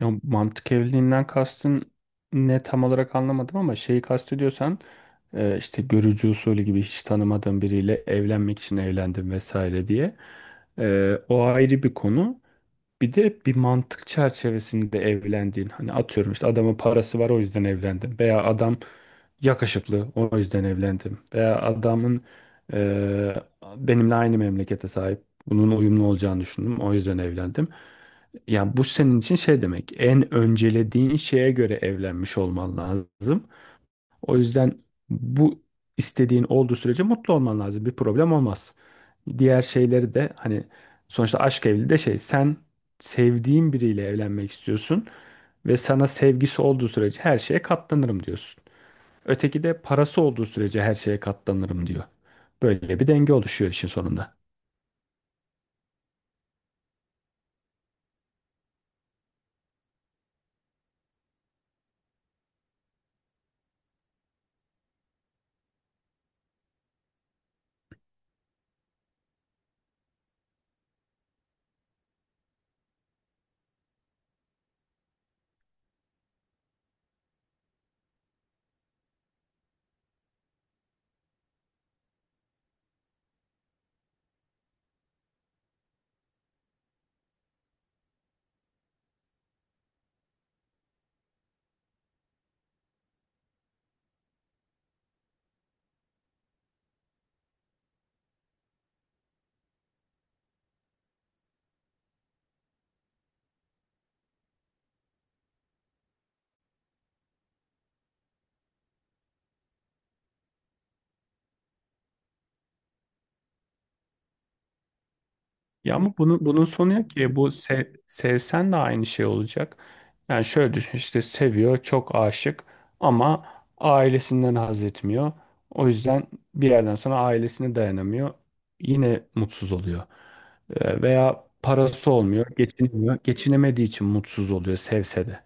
Ya mantık evliliğinden kastın ne tam olarak anlamadım ama şeyi kastediyorsan işte görücü usulü gibi hiç tanımadığın biriyle evlenmek için evlendim vesaire diye. E, o ayrı bir konu. Bir de bir mantık çerçevesinde evlendiğin hani atıyorum işte adamın parası var o yüzden evlendim veya adam yakışıklı o yüzden evlendim veya adamın eee, benimle aynı memlekete sahip bunun uyumlu olacağını düşündüm o yüzden evlendim. Yani bu senin için şey demek, en öncelediğin şeye göre evlenmiş olman lazım. O yüzden bu istediğin olduğu sürece mutlu olman lazım. Bir problem olmaz. Diğer şeyleri de hani sonuçta aşk evliliği de şey, sen sevdiğin biriyle evlenmek istiyorsun ve sana sevgisi olduğu sürece her şeye katlanırım diyorsun. Öteki de parası olduğu sürece her şeye katlanırım diyor. Böyle bir denge oluşuyor işin sonunda. Ya ama bunun sonu yok ki. E, bu sevsen de aynı şey olacak. Yani şöyle düşün, işte seviyor, çok aşık ama ailesinden haz etmiyor. O yüzden bir yerden sonra ailesine dayanamıyor. Yine mutsuz oluyor. Veya parası olmuyor, geçinemiyor. Geçinemediği için mutsuz oluyor sevse de.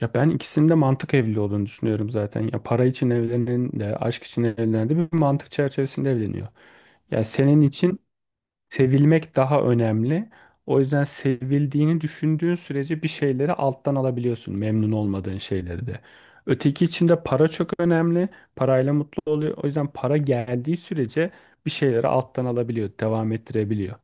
Ya ben ikisinin de mantık evliliği olduğunu düşünüyorum zaten. Ya para için evlenen de, aşk için evlenen de bir mantık çerçevesinde evleniyor. Ya senin için sevilmek daha önemli. O yüzden sevildiğini düşündüğün sürece bir şeyleri alttan alabiliyorsun, memnun olmadığın şeyleri de. Öteki için de para çok önemli. Parayla mutlu oluyor. O yüzden para geldiği sürece bir şeyleri alttan alabiliyor, devam ettirebiliyor.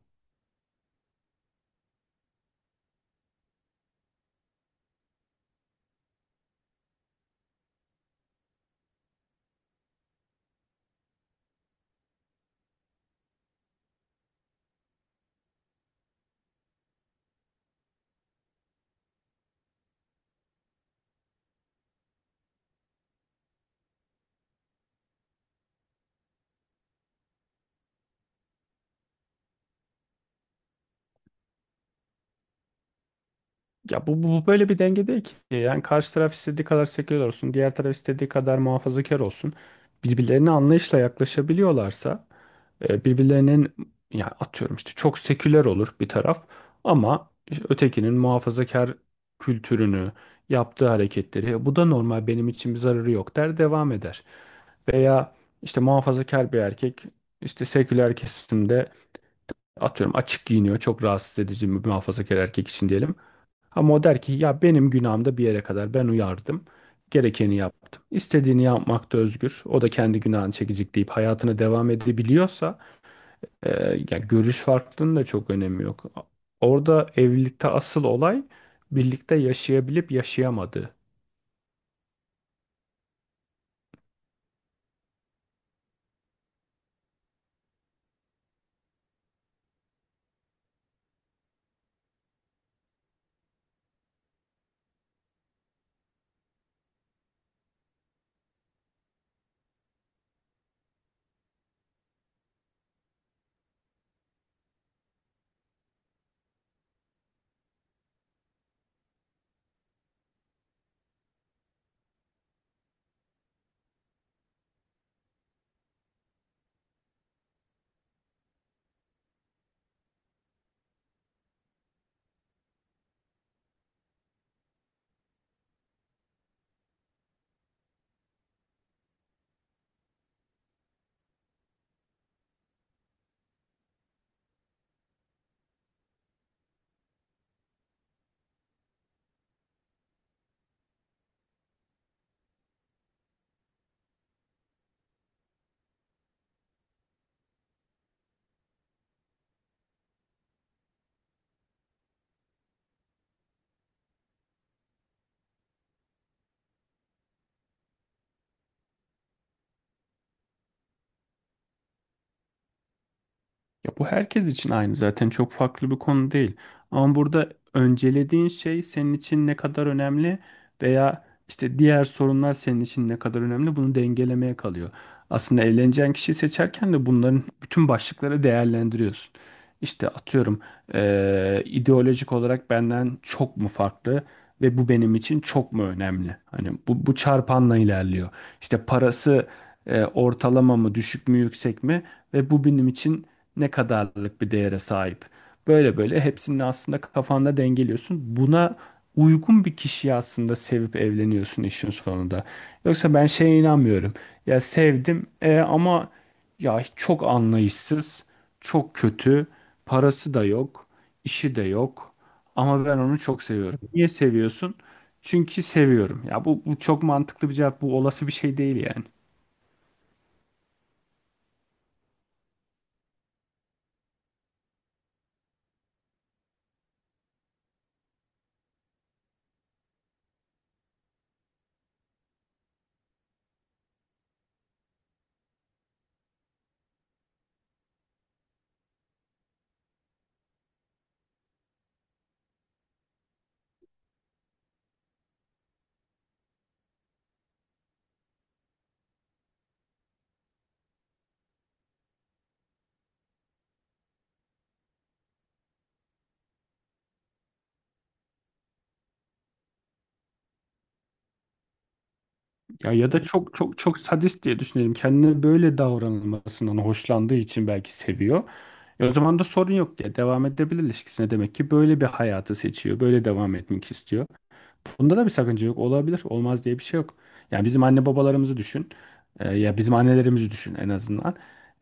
Ya bu böyle bir denge değil ki. Yani karşı taraf istediği kadar seküler olsun, diğer taraf istediği kadar muhafazakar olsun. Birbirlerine anlayışla yaklaşabiliyorlarsa birbirlerinin, ya atıyorum işte çok seküler olur bir taraf ama ötekinin muhafazakar kültürünü, yaptığı hareketleri "E, bu da normal, benim için bir zararı yok" der, devam eder. Veya işte muhafazakar bir erkek işte seküler kesimde atıyorum açık giyiniyor, çok rahatsız edici bir muhafazakar erkek için diyelim. Ama o der ki ya benim günahım da bir yere kadar, ben uyardım. Gerekeni yaptım. İstediğini yapmakta özgür. O da kendi günahını çekecek deyip hayatına devam edebiliyorsa e, yani görüş farklılığının da çok önemi yok. Orada evlilikte asıl olay birlikte yaşayabilip yaşayamadığı. Ya bu herkes için aynı zaten, çok farklı bir konu değil. Ama burada öncelediğin şey senin için ne kadar önemli veya işte diğer sorunlar senin için ne kadar önemli, bunu dengelemeye kalıyor. Aslında evleneceğin kişiyi seçerken de bunların bütün başlıkları değerlendiriyorsun. İşte atıyorum ideolojik olarak benden çok mu farklı ve bu benim için çok mu önemli? Hani bu çarpanla ilerliyor. İşte parası ortalama mı, düşük mü, yüksek mi? Ve bu benim için ne kadarlık bir değere sahip. Böyle böyle hepsini aslında kafanda dengeliyorsun. Buna uygun bir kişiyi aslında sevip evleniyorsun işin sonunda. Yoksa ben şeye inanmıyorum. Ya sevdim ama ya çok anlayışsız, çok kötü, parası da yok, işi de yok. Ama ben onu çok seviyorum. Niye seviyorsun? Çünkü seviyorum. Ya bu çok mantıklı bir cevap. Bu olası bir şey değil yani. Ya ya da çok çok çok sadist diye düşünelim. Kendine böyle davranılmasından hoşlandığı için belki seviyor. E o zaman da sorun yok diye devam edebilir ilişkisine. Demek ki böyle bir hayatı seçiyor. Böyle devam etmek istiyor. Bunda da bir sakınca yok. Olabilir. Olmaz diye bir şey yok. Yani bizim anne babalarımızı düşün. E, ya bizim annelerimizi düşün en azından.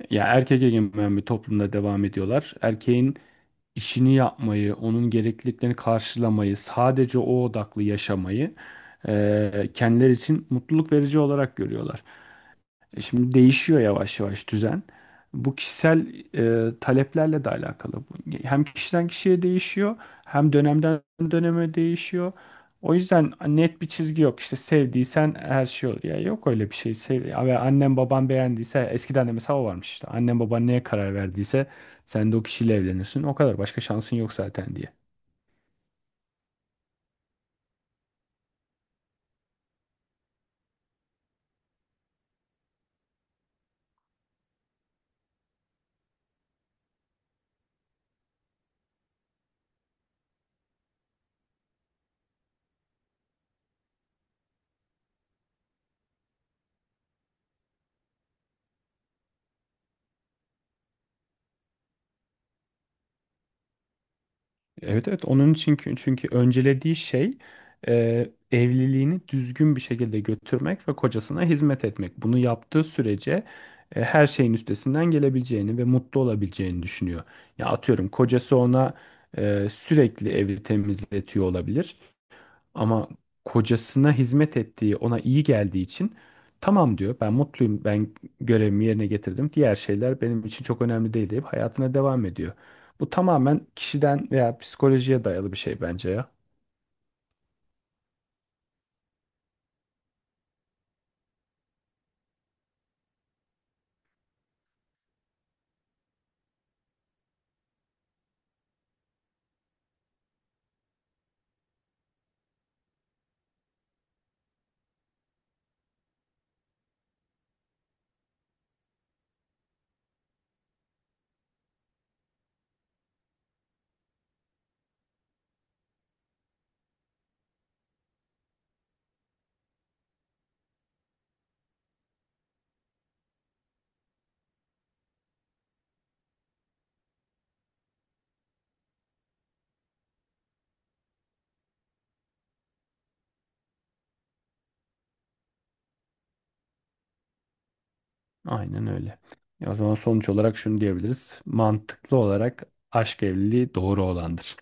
Ya erkek egemen bir toplumda devam ediyorlar. Erkeğin işini yapmayı, onun gerekliliklerini karşılamayı, sadece o odaklı yaşamayı kendileri için mutluluk verici olarak görüyorlar. E, şimdi değişiyor yavaş yavaş düzen. Bu kişisel taleplerle de alakalı. Bu hem kişiden kişiye değişiyor, hem dönemden döneme değişiyor. O yüzden net bir çizgi yok. İşte sevdiysen her şey olur. Ya yok öyle bir şey. Sev ve annem baban beğendiyse, eskiden de mesela o varmış işte. Annem baban neye karar verdiyse sen de o kişiyle evlenirsin. O kadar, başka şansın yok zaten diye. Evet evet, onun için, çünkü öncelediği şey evliliğini düzgün bir şekilde götürmek ve kocasına hizmet etmek. Bunu yaptığı sürece her şeyin üstesinden gelebileceğini ve mutlu olabileceğini düşünüyor. Ya atıyorum kocası ona sürekli evi temizletiyor olabilir. Ama kocasına hizmet ettiği, ona iyi geldiği için tamam diyor. Ben mutluyum. Ben görevimi yerine getirdim. Diğer şeyler benim için çok önemli değil deyip hayatına devam ediyor. Bu tamamen kişiden veya psikolojiye dayalı bir şey bence ya. Aynen öyle. Ya o zaman sonuç olarak şunu diyebiliriz. Mantıklı olarak aşk evliliği doğru olandır.